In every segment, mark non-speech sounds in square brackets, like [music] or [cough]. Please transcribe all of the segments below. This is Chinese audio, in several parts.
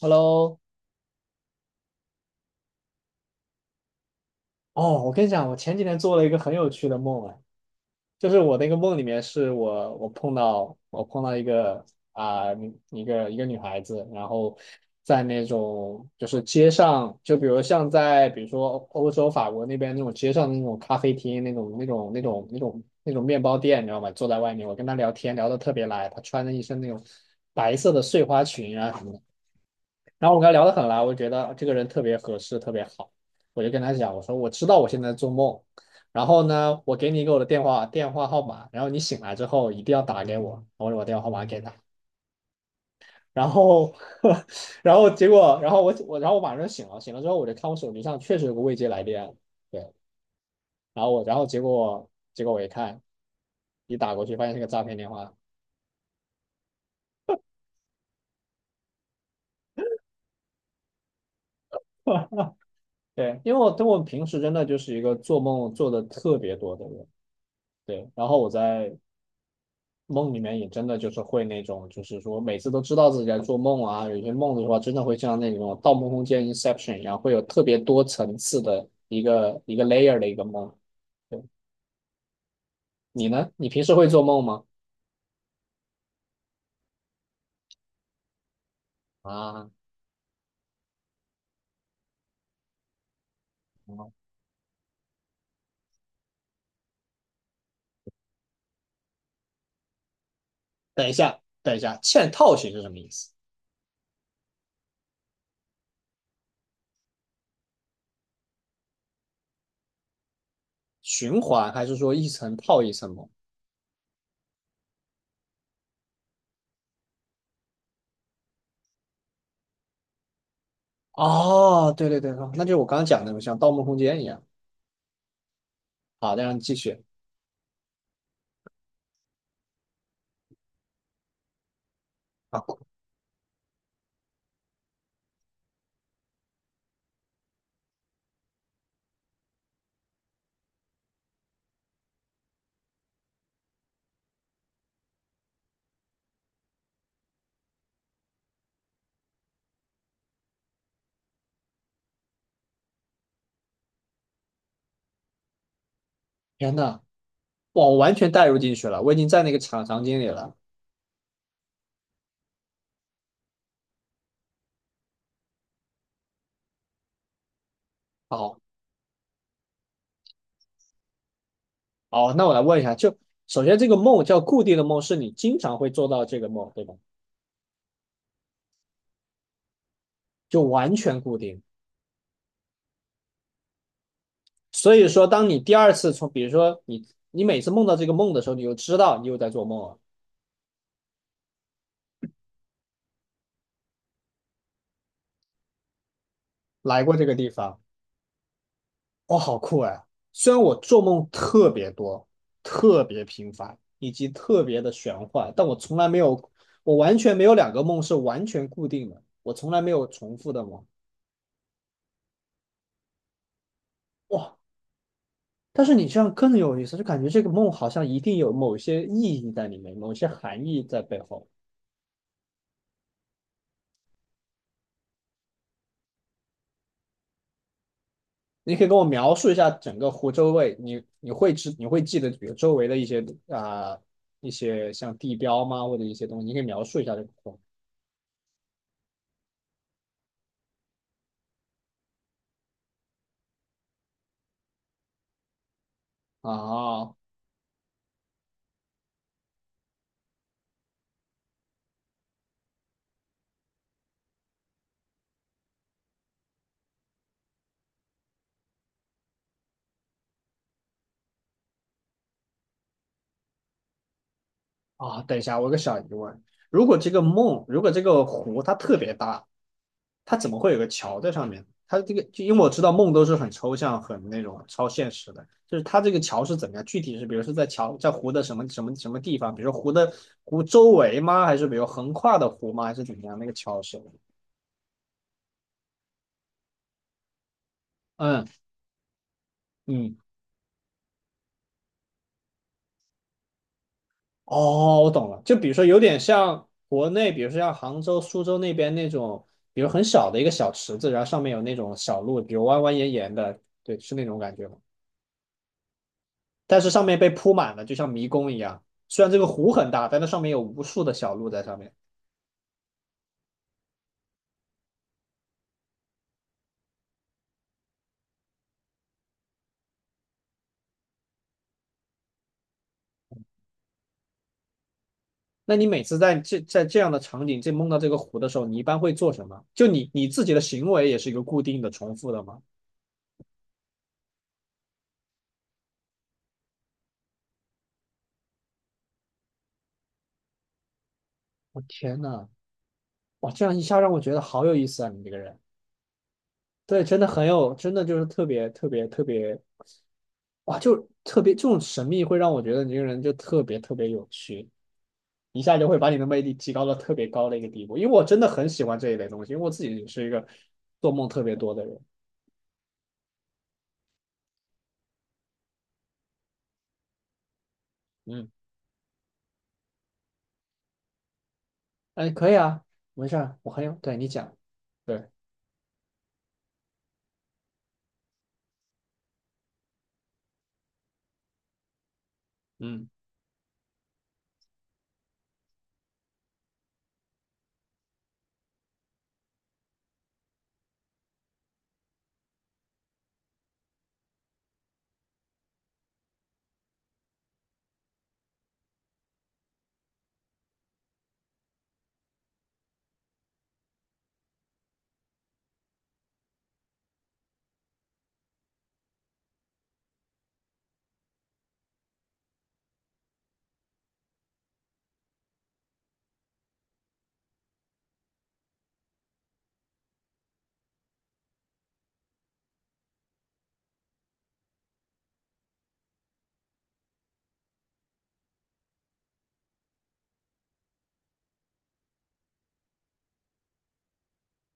Hello，哦，我跟你讲，我前几天做了一个很有趣的梦啊，就是我那个梦里面是我碰到一个啊、女孩子，然后在那种就是街上，就比如像在比如说欧洲法国那边那种街上的那种咖啡厅那种面包店，你知道吗？坐在外面，我跟她聊天聊得特别来，她穿着一身那种白色的碎花裙啊什么的。然后我跟他聊得很来，我就觉得这个人特别合适，特别好。我就跟他讲，我说我知道我现在做梦，然后呢，我给你一个我的电话号码，然后你醒来之后一定要打给我。我把我电话号码给他，然后 [laughs] 然后结果，然后我马上就醒了，醒了之后我就看我手机上确实有个未接来电，对，然后我然后结果结果我一看，一打过去发现是个诈骗电话。[laughs] 对，因为我平时真的就是一个做梦做的特别多的人，对，然后我在梦里面也真的就是会那种，就是说每次都知道自己在做梦啊，有些梦的话真的会像那种《盗梦空间》Inception 一样，会有特别多层次的一个一个 layer 的一个梦。对，你呢？你平时会做梦吗？啊，嗯等一下，等一下，嵌套型是什么意思？循环还是说一层套一层梦？哦，对对对，哦那就是我刚刚讲的那种像《盗梦空间》一样。好的，让你继续。啊，天呐，哇，我完全带入进去了，我已经在那个场景里了。好，哦，那我来问一下，就首先这个梦叫固定的梦，是你经常会做到这个梦，对吧？就完全固定。所以说，当你第二次从，比如说你每次梦到这个梦的时候，你就知道你又在做梦了，来过这个地方，哦，好酷哎！虽然我做梦特别多、特别频繁以及特别的玄幻，但我从来没有，我完全没有两个梦是完全固定的，我从来没有重复的梦。哇，但是你这样更有意思，就感觉这个梦好像一定有某些意义在里面，某些含义在背后。你可以跟我描述一下整个湖周围，你会记得比如周围的一些啊、呃一些像地标吗，或者一些东西，你可以描述一下这个湖啊啊。等一下，我有个小疑问，如果这个梦，如果这个湖它特别大，它怎么会有个桥在上面？它这个，就因为我知道梦都是很抽象、很那种超现实的，就是它这个桥是怎么样？具体是比如说在桥在湖的什么什么什么地方？比如说湖周围吗？还是比如横跨的湖吗？还是怎么样？那个桥是？嗯嗯，哦，我懂了。就比如说有点像国内，比如说像杭州、苏州那边那种，比如很小的一个小池子，然后上面有那种小路，比如弯弯延延的，对，是那种感觉吗？但是上面被铺满了，就像迷宫一样。虽然这个湖很大，但它上面有无数的小路在上面。那你每次在这样的场景，这梦到这个湖的时候，你一般会做什么？就你自己的行为也是一个固定的、重复的吗？我天呐，哇，这样一下让我觉得好有意思啊！你这个人，对，真的很有，真的就是特别特别特别，哇，就特别这种神秘会让我觉得你这个人就特别特别有趣。一下就会把你的魅力提高到特别高的一个地步。因为我真的很喜欢这一类东西，因为我自己也是一个做梦特别多的人。嗯，哎，可以啊，没事儿，我很有，对你讲，对，嗯，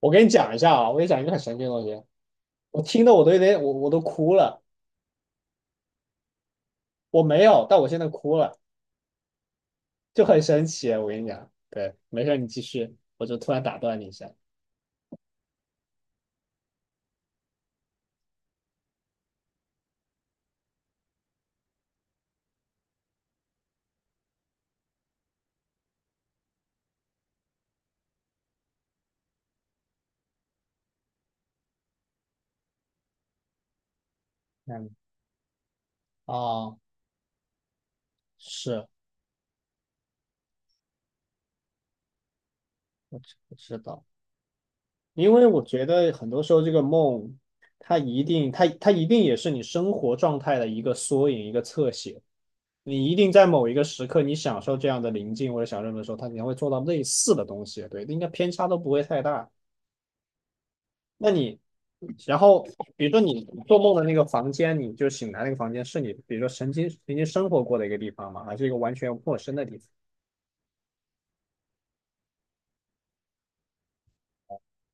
我给你讲一下啊，我给你讲一个很神奇的东西，我听的我都有点，我都哭了，我没有，但我现在哭了，就很神奇啊，我跟你讲，对，没事儿，你继续，我就突然打断你一下。嗯，哦，是，我知道。因为我觉得很多时候这个梦，它一定也是你生活状态的一个缩影，一个侧写。你一定在某一个时刻，你享受这样的宁静或者享受的时候，它你会做到类似的东西，对，应该偏差都不会太大。那你，然后比如说你做梦的那个房间，你就醒来那个房间是你，比如说曾经生活过的一个地方嘛，还是一个完全陌生的地方？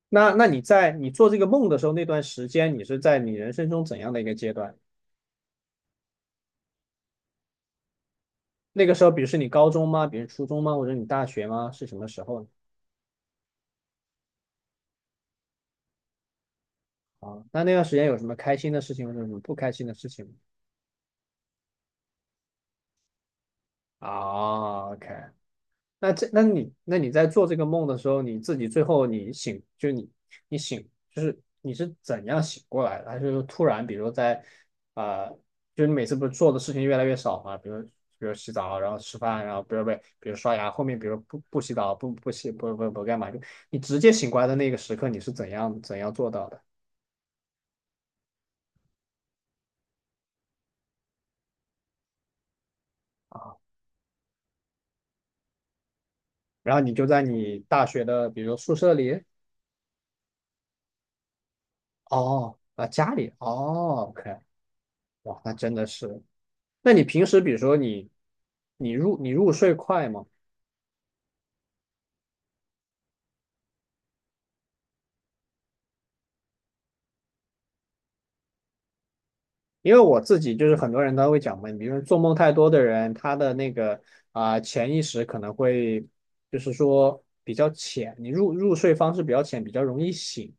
那你在你做这个梦的时候，那段时间你是在你人生中怎样的一个阶段？那个时候，比如是你高中吗？比如初中吗？或者你大学吗？是什么时候呢？啊，那段时间有什么开心的事情或者什么不开心的事情吗？啊，OK，那你在做这个梦的时候，你自己最后你醒，就你醒，就是你是怎样醒过来的？还是说突然，比如说在啊、呃就是你每次不是做的事情越来越少嘛？比如洗澡，然后吃饭，然后不是不是，比如刷牙，后面比如不洗澡，不洗不干嘛，就你直接醒过来的那个时刻，你是怎样做到的？啊，然后你就在你大学的，比如宿舍里，哦，啊，家里，哦，OK，哇，那真的是。那你平时比如说你入睡快吗？因为我自己就是很多人他会讲嘛，你比如说做梦太多的人，他的那个潜意识可能会就是说比较浅，你入睡方式比较浅，比较容易醒。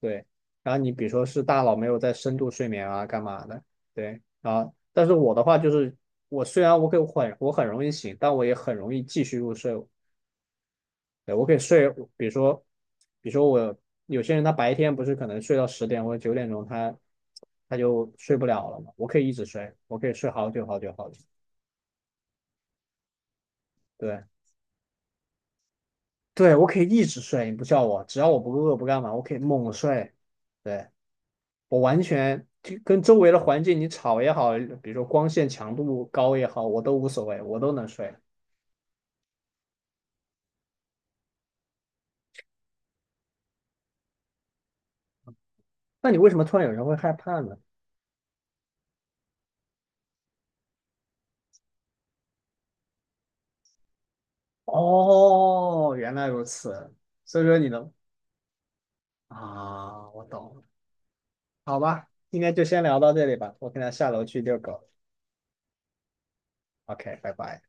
对，然后你比如说是大脑没有在深度睡眠啊，干嘛的？对，然后但是我的话就是，我虽然我可以我很我很容易醒，但我也很容易继续入睡。对，我可以睡，比如说，比如说我有些人他白天不是可能睡到10点或者9点钟他就睡不了了嘛。我可以一直睡，我可以睡好久好久好久。对，对，我可以一直睡，你不叫我，只要我不饿不干嘛，我可以猛睡。对，我完全就跟周围的环境你吵也好，比如说光线强度高也好，我都无所谓，我都能睡。那你为什么突然有人会害怕呢？哦，原来如此，所以说你能啊，我懂了，好吧，今天就先聊到这里吧，我可能下楼去遛狗。OK，拜拜。